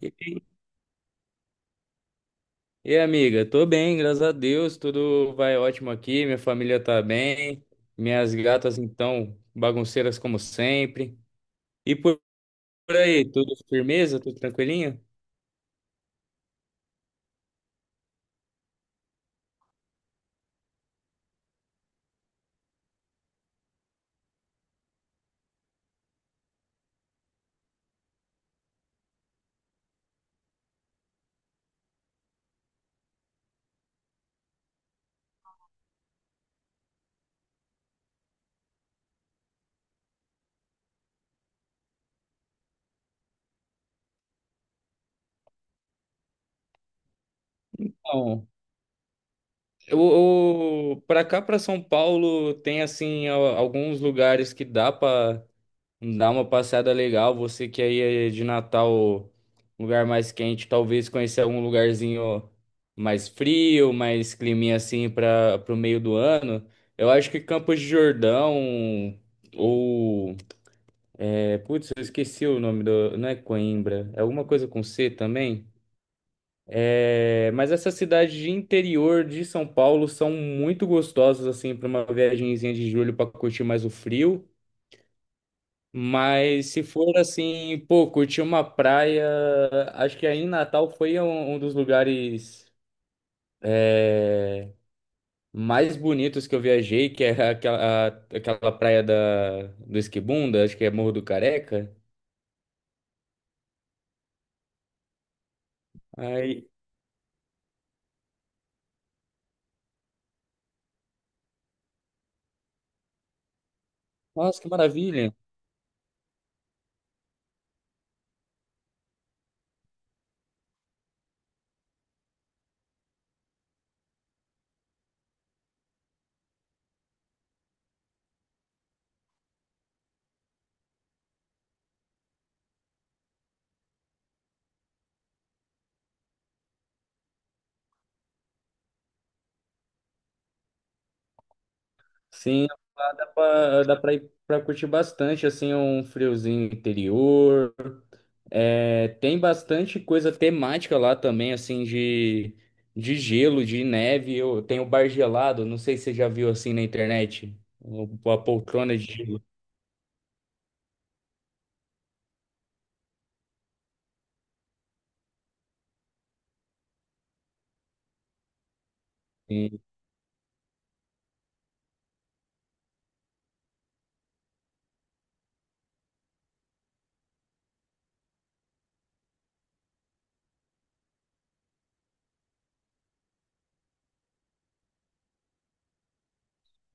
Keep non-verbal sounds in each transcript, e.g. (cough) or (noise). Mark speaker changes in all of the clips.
Speaker 1: E, e amiga, tô bem, graças a Deus, tudo vai ótimo aqui, minha família tá bem, minhas gatas então bagunceiras como sempre. E por, por aí, tudo firmeza, tudo tranquilinho? Então, eu, pra cá, pra São Paulo, tem assim alguns lugares que dá uma passada legal. Você que aí é de Natal, um lugar mais quente, talvez conhecer algum lugarzinho mais frio, mais climinha assim para o meio do ano. Eu acho que Campos de Jordão ou putz, eu esqueci o nome do, não é Coimbra, é alguma coisa com C também. É, mas essas cidades de interior de São Paulo são muito gostosas assim para uma viagenzinha de julho para curtir mais o frio. Mas se for assim, pô, curtir uma praia, acho que aí em Natal foi um dos lugares é, mais bonitos que eu viajei, que é aquela praia do Esquibunda, acho que é Morro do Careca. Aí, nossa, que maravilha! Sim, lá dá pra ir pra curtir bastante, assim, um friozinho interior. É, tem bastante coisa temática lá também, assim, de gelo, de neve. Eu, tem o bar gelado, não sei se você já viu assim na internet. A poltrona de gelo. Assim.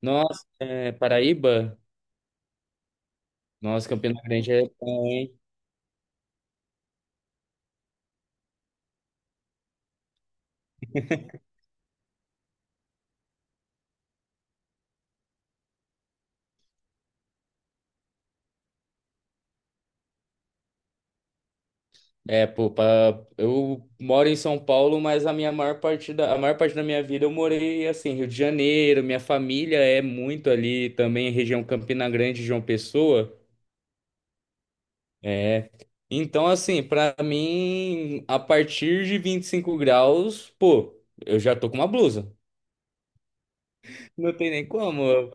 Speaker 1: Nossa, é, Paraíba? Nossa, Campina Grande é bom, hein? É, pô, eu moro em São Paulo, mas a minha maior parte da, a maior parte da minha vida eu morei assim, Rio de Janeiro, minha família é muito ali também, região Campina Grande, João Pessoa. É. Então, assim, pra mim, a partir de 25 graus, pô, eu já tô com uma blusa. (laughs) Não tem nem como.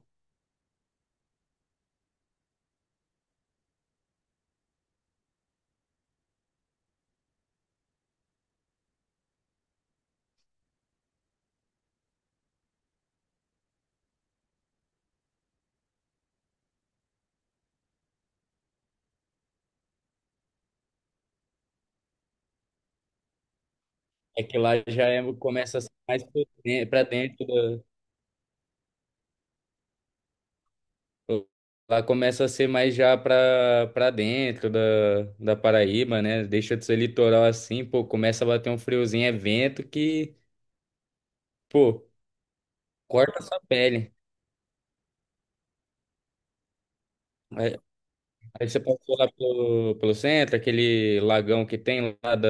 Speaker 1: É que lá já começa a ser mais pra dentro da. Lá começa a ser mais já pra dentro da Paraíba, né? Deixa de ser litoral assim, pô, começa a bater um friozinho, é vento que, pô, corta a sua pele. Aí aí você passou lá pelo, pelo centro, aquele lagão que tem lá da.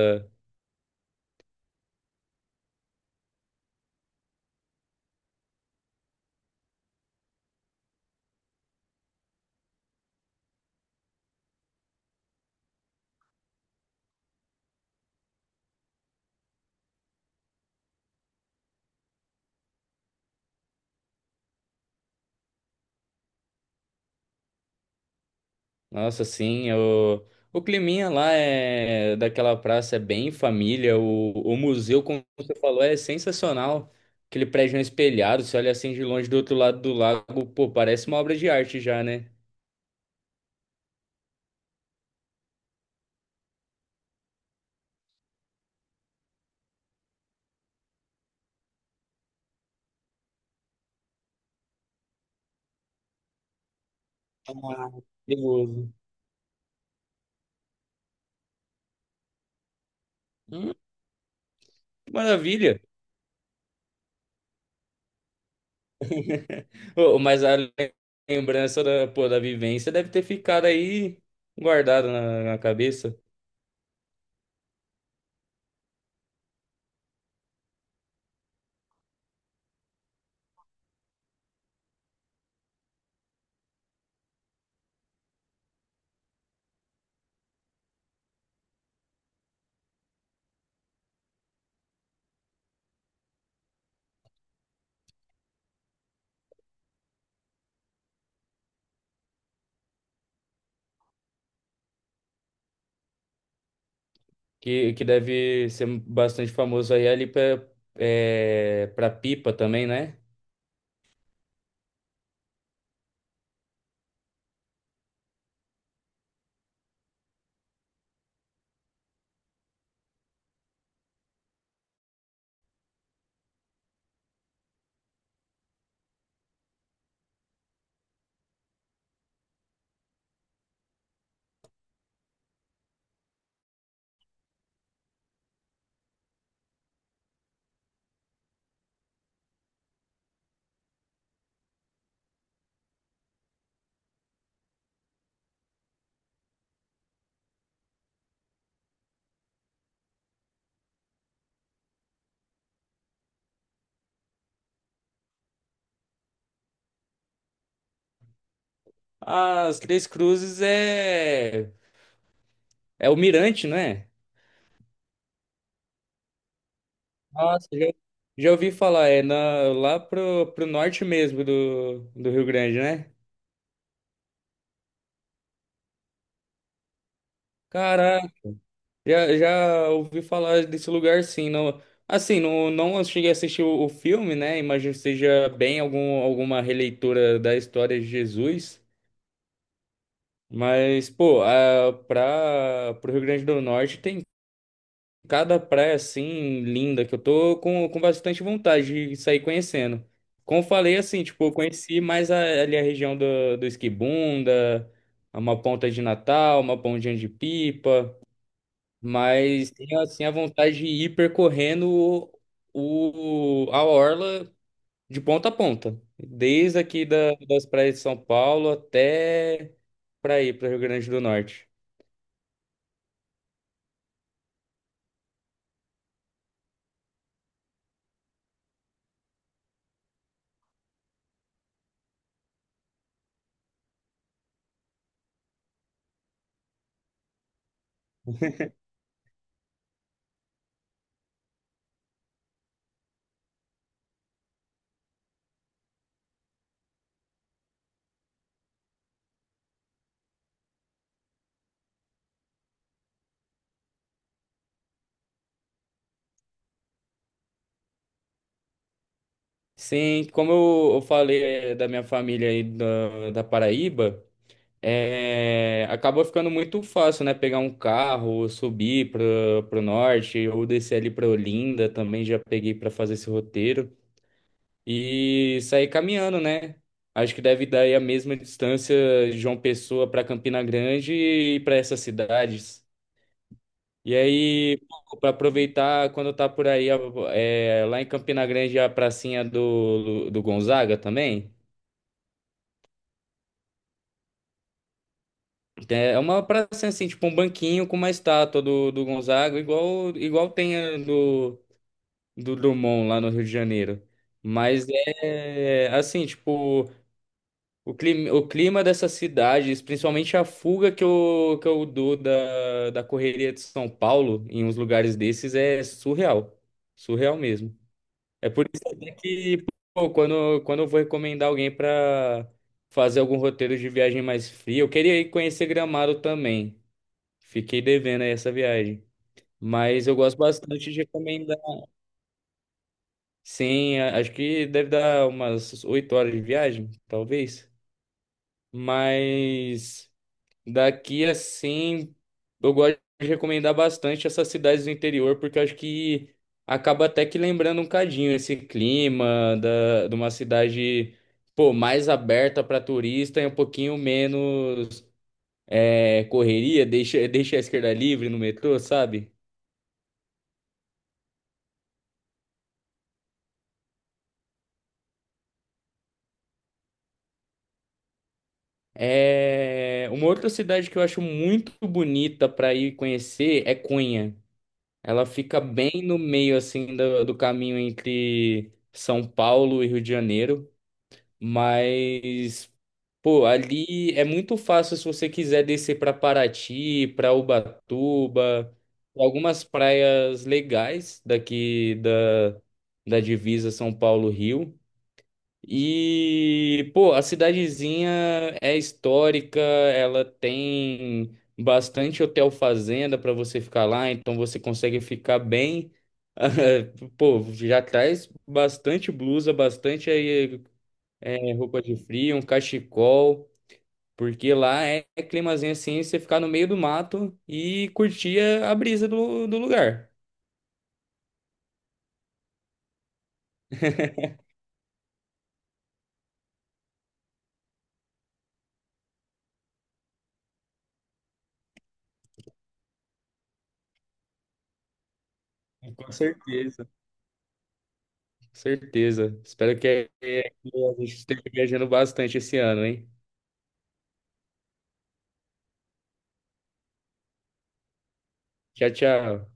Speaker 1: Nossa, sim, o climinha lá é daquela praça é bem família. O museu, como você falou, é sensacional. Aquele prédio espelhado, você olha assim de longe do outro lado do lago, pô, parece uma obra de arte já, né? Ah, perigoso. Hum, maravilha! Ô, mas a lembrança pô, da vivência deve ter ficado aí guardada na cabeça, que deve ser bastante famoso aí ali é, pra Pipa também, né? As Três Cruzes é o Mirante, não é? Nossa, já ouvi falar, é lá pro, pro norte mesmo do Rio Grande, né? Caraca, já ouvi falar desse lugar sim. Não, assim, não cheguei a assistir o filme, né? Imagino que seja bem alguma releitura da história de Jesus. Mas, pô, pro Rio Grande do Norte tem cada praia assim linda que eu tô com bastante vontade de sair conhecendo. Como eu falei assim, tipo, eu conheci mais ali a região do Esquibunda, uma ponta de Natal, uma pontinha de Pipa, mas tenho assim a vontade de ir percorrendo a orla de ponta a ponta, desde aqui das praias de São Paulo até para ir para o Rio Grande do Norte. Sim, como eu falei eh, da minha família aí da Paraíba, eh, acabou ficando muito fácil, né? Pegar um carro, subir pro norte, ou descer ali pra Olinda, também já peguei para fazer esse roteiro, e sair caminhando, né? Acho que deve dar aí a mesma distância de João Pessoa para Campina Grande e para essas cidades. E aí, para aproveitar quando tá por aí, é, lá em Campina Grande, a pracinha do Gonzaga também. É uma praça assim, tipo um banquinho com uma estátua do Gonzaga, igual tem a do Drummond lá no Rio de Janeiro. Mas é assim, tipo, o clima dessas cidades, principalmente a fuga que que eu dou da correria de São Paulo em uns lugares desses é surreal. Surreal mesmo. É por isso até que, pô, quando eu vou recomendar alguém pra fazer algum roteiro de viagem mais fria, eu queria ir conhecer Gramado também. Fiquei devendo aí essa viagem. Mas eu gosto bastante de recomendar. Sim, acho que deve dar umas 8 horas de viagem, talvez. Mas daqui assim, eu gosto de recomendar bastante essas cidades do interior, porque eu acho que acaba até que lembrando um cadinho esse clima de uma cidade, pô, mais aberta para turista e um pouquinho menos é, correria, deixa a esquerda livre no metrô, sabe? É... Uma outra cidade que eu acho muito bonita para ir conhecer é Cunha. Ela fica bem no meio assim do caminho entre São Paulo e Rio de Janeiro, mas pô, ali é muito fácil se você quiser descer para Paraty, para Ubatuba, algumas praias legais daqui da divisa São Paulo-Rio. E, pô, a cidadezinha é histórica, ela tem bastante hotel fazenda para você ficar lá, então você consegue ficar bem. (laughs) Pô, já traz bastante blusa, bastante aí, é, roupa de frio, um cachecol, porque lá é, é climazinho assim, você ficar no meio do mato e curtir a brisa do lugar. Com certeza. Certeza. Espero que, é, que a gente esteja viajando bastante esse ano, hein? Tchau, tchau.